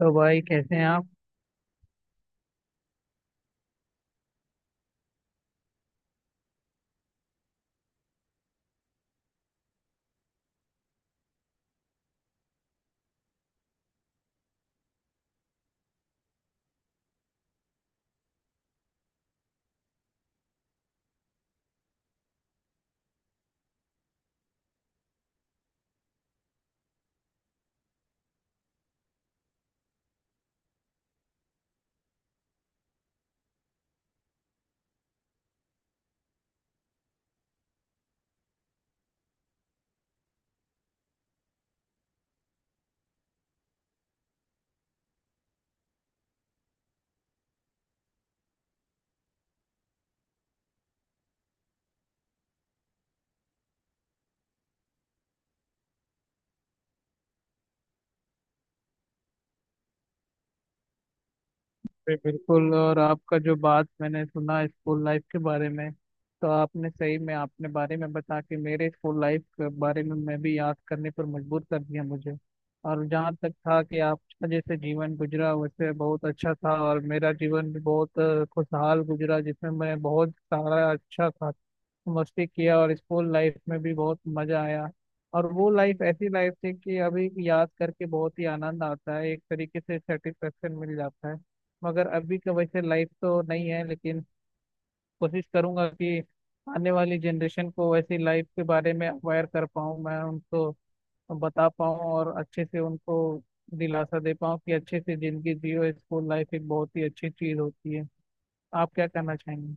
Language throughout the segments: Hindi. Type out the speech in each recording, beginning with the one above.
तो भाई कैसे हैं आप। बिल्कुल। और आपका जो बात मैंने सुना स्कूल लाइफ के बारे में, तो आपने सही में आपने बारे में बता के मेरे स्कूल लाइफ के बारे में मैं भी याद करने पर मजबूर कर दिया मुझे। और जहाँ तक था कि आपका जैसे जीवन गुजरा वैसे बहुत अच्छा था, और मेरा जीवन भी बहुत खुशहाल गुजरा, जिसमें मैं बहुत सारा अच्छा था। मस्ती किया और स्कूल लाइफ में भी बहुत मजा आया। और वो लाइफ ऐसी लाइफ थी कि अभी याद करके बहुत ही आनंद आता है, एक तरीके से सेटिस्फेक्शन मिल जाता है। मगर अभी का वैसे लाइफ तो नहीं है, लेकिन कोशिश करूंगा कि आने वाली जनरेशन को ऐसी लाइफ के बारे में अवेयर कर पाऊँ, मैं उनको बता पाऊँ और अच्छे से उनको दिलासा दे पाऊँ कि अच्छे से जिंदगी जियो, स्कूल लाइफ एक बहुत ही अच्छी चीज होती है। आप क्या कहना चाहेंगे?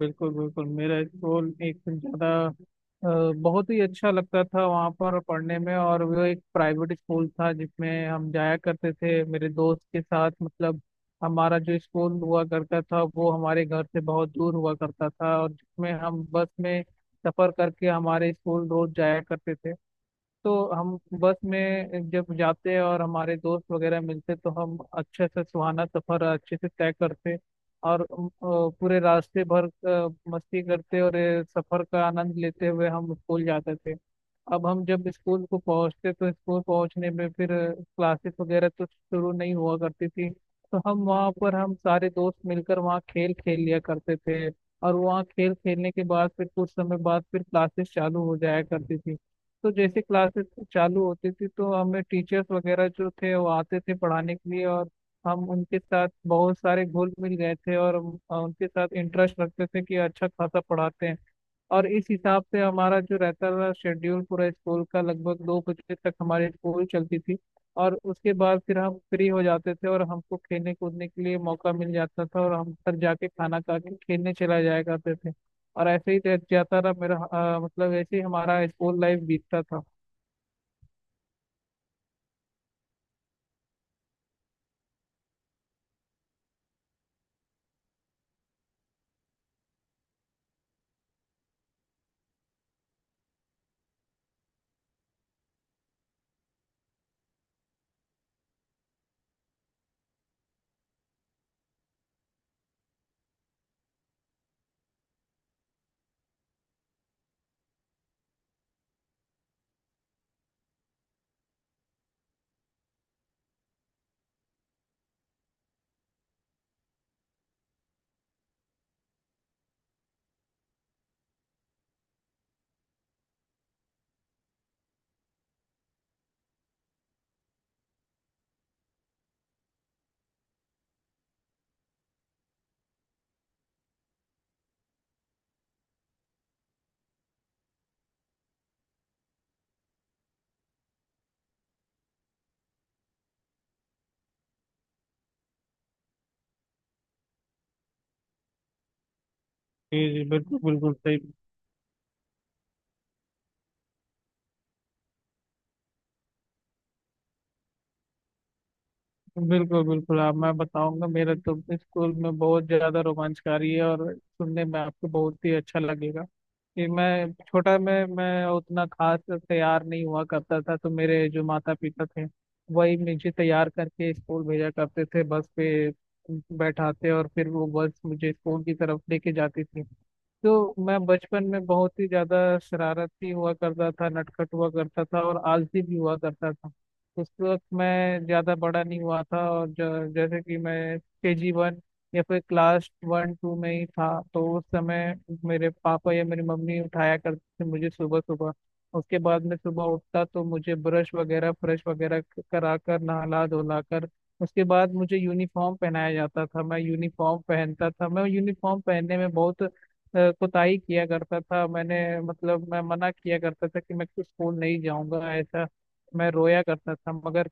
बिल्कुल बिल्कुल। मेरा स्कूल एकदम ज्यादा अ, बहुत ही अच्छा लगता था वहाँ पर पढ़ने में, और वो एक प्राइवेट स्कूल था जिसमें हम जाया करते थे मेरे दोस्त के साथ। मतलब हमारा जो स्कूल हुआ करता था वो हमारे घर से बहुत दूर हुआ करता था, और जिसमें हम बस में सफर करके हमारे स्कूल रोज जाया करते थे। तो हम बस में जब जाते हैं और हमारे दोस्त वगैरह मिलते तो हम अच्छे से सुहाना सफर अच्छे से तय करते। और पूरे रास्ते भर मस्ती करते और सफर का आनंद लेते हुए हम स्कूल जाते थे। अब हम जब स्कूल को पहुंचते तो स्कूल पहुंचने में फिर क्लासेस वगैरह तो शुरू नहीं हुआ करती थी, तो हम वहाँ पर हम सारे दोस्त मिलकर वहाँ खेल खेल लिया करते थे। और वहाँ खेल खेलने के बाद फिर कुछ समय बाद फिर क्लासेस चालू हो जाया करती थी। तो जैसे क्लासेस चालू होती थी तो हमें टीचर्स वगैरह जो थे वो आते थे पढ़ाने के लिए, और हम उनके साथ बहुत सारे घुल मिल गए थे, और उनके साथ इंटरेस्ट रखते थे कि अच्छा खासा पढ़ाते हैं। और इस हिसाब से हमारा जो रहता था शेड्यूल पूरा स्कूल का, लगभग दो बजे तक हमारी स्कूल चलती थी। और उसके बाद फिर हम फ्री हो जाते थे और हमको खेलने कूदने के लिए मौका मिल जाता था और हम घर जाके खाना खा के खेलने चला जाया करते थे। और ऐसे ही रह जाता रहा मेरा, मतलब ऐसे ही हमारा स्कूल लाइफ बीतता था। जी जी, बिल्कुल बिल्कुल सही। बिल्कुल बिल्कुल। आप मैं बताऊंगा, मेरे तो स्कूल में बहुत ज्यादा रोमांचकारी है और सुनने में आपको बहुत ही अच्छा लगेगा कि मैं छोटा में मैं उतना खास तैयार नहीं हुआ करता था। तो मेरे जो माता पिता थे वही मुझे तैयार करके स्कूल भेजा करते थे, बस पे बैठाते और फिर वो बस मुझे स्कूल की तरफ लेके जाती थी। तो मैं बचपन में बहुत ही ज्यादा शरारती हुआ करता था, नटखट हुआ करता था और आलसी भी हुआ करता था। उस वक्त मैं ज्यादा बड़ा नहीं हुआ था, और जैसे कि मैं केजी वन या फिर क्लास वन टू में ही था। तो उस समय मेरे पापा या मेरी मम्मी उठाया करते थे मुझे सुबह सुबह। उसके बाद मैं सुबह उठता तो मुझे ब्रश वगैरह फ्रेश वगैरह करा कर, नहला धुला कर, उसके बाद मुझे यूनिफॉर्म पहनाया जाता था। मैं यूनिफॉर्म पहनता था, मैं यूनिफॉर्म पहनने में बहुत कुताही किया करता था मैंने। मतलब मैं मना किया करता था कि मैं तो स्कूल नहीं जाऊंगा ऐसा, मैं रोया करता था। मगर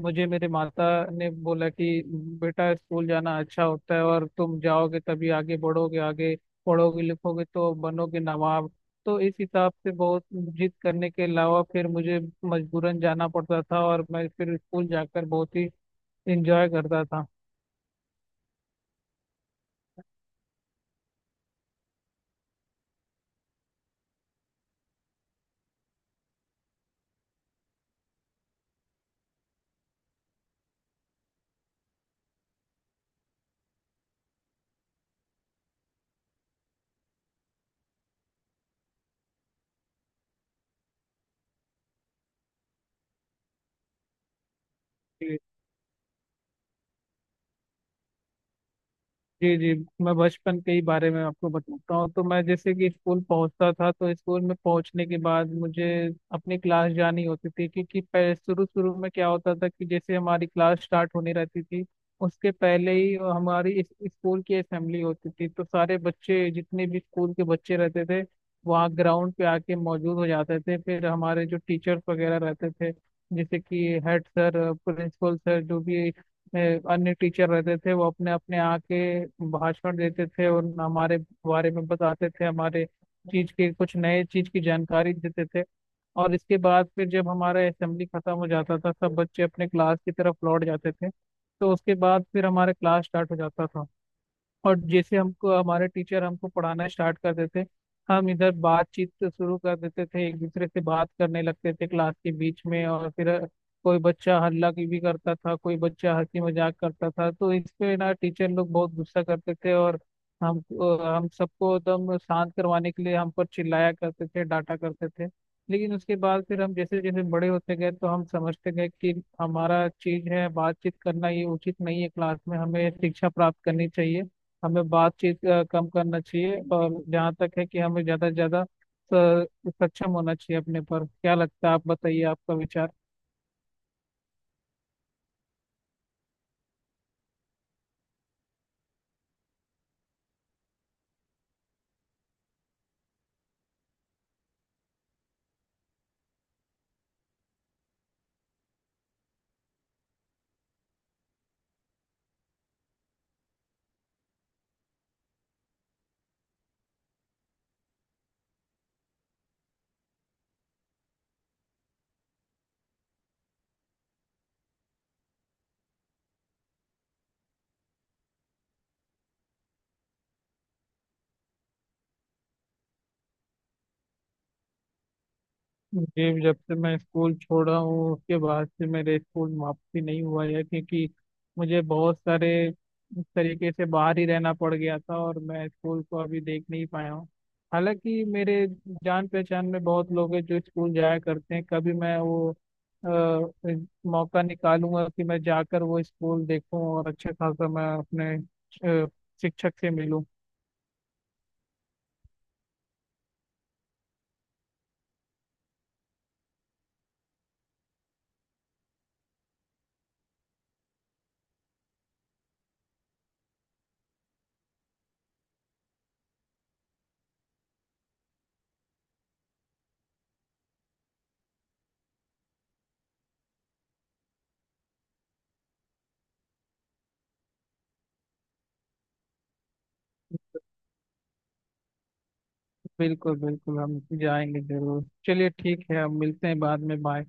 मुझे मेरे माता ने बोला कि बेटा स्कूल जाना अच्छा होता है और तुम जाओगे तभी आगे बढ़ोगे, आगे पढ़ोगे लिखोगे तो बनोगे नवाब। तो इस हिसाब से बहुत जिद करने के अलावा फिर मुझे मजबूरन जाना पड़ता था, और मैं फिर स्कूल जाकर बहुत ही इंजॉय करता था। जी जी। मैं बचपन के ही बारे में आपको बताता हूँ। तो मैं जैसे कि स्कूल पहुंचता था तो स्कूल में पहुंचने के बाद मुझे अपनी क्लास जानी होती थी, क्योंकि शुरू शुरू में क्या होता था कि जैसे हमारी क्लास स्टार्ट होने रहती थी, उसके पहले ही हमारी स्कूल की असेंबली होती थी। तो सारे बच्चे जितने भी स्कूल के बच्चे रहते थे वहाँ ग्राउंड पे आके मौजूद हो जाते थे। फिर हमारे जो टीचर्स वगैरह रहते थे, जैसे कि हेड सर, प्रिंसिपल सर, जो भी अन्य टीचर रहते थे, वो अपने अपने आके भाषण देते थे और हमारे बारे में बताते थे, हमारे चीज के कुछ नए चीज की जानकारी देते थे। और इसके बाद फिर जब हमारा असेंबली खत्म हो जाता था सब बच्चे अपने क्लास की तरफ लौट जाते थे। तो उसके बाद फिर हमारा क्लास स्टार्ट हो जाता था। और जैसे हमको हमारे टीचर हमको पढ़ाना स्टार्ट करते थे, हम इधर बातचीत से शुरू कर देते थे, एक दूसरे से बात करने लगते थे क्लास के बीच में। और फिर कोई बच्चा हल्ला की भी करता था, कोई बच्चा हंसी मजाक करता था, तो इस पे ना टीचर लोग बहुत गुस्सा करते थे और हम हम सबको एकदम शांत करवाने के लिए हम पर चिल्लाया करते थे, डांटा करते थे। लेकिन उसके बाद फिर हम जैसे जैसे बड़े होते गए तो हम समझते गए कि हमारा चीज है बातचीत करना, ये उचित नहीं है, क्लास में हमें शिक्षा प्राप्त करनी चाहिए, हमें बातचीत कम करना चाहिए। और जहाँ तक है कि हमें ज़्यादा से ज़्यादा सक्षम होना चाहिए अपने पर। क्या लगता है आप बताइए, आपका विचार? जी, जब से मैं स्कूल छोड़ा हूँ उसके बाद से मेरे स्कूल में वापसी नहीं हुआ है, क्योंकि मुझे बहुत सारे इस तरीके से बाहर ही रहना पड़ गया था और मैं स्कूल को अभी देख नहीं पाया हूँ। हालांकि मेरे जान पहचान में बहुत लोग हैं जो स्कूल जाया करते हैं। कभी मैं वो अ, मौका निकालूंगा कि मैं जाकर वो स्कूल देखूं और अच्छा खासा मैं अपने अ, शिक्षक से मिलूं। बिल्कुल बिल्कुल, हम जाएंगे जरूर। चलिए ठीक है, हम मिलते हैं बाद में। बाय।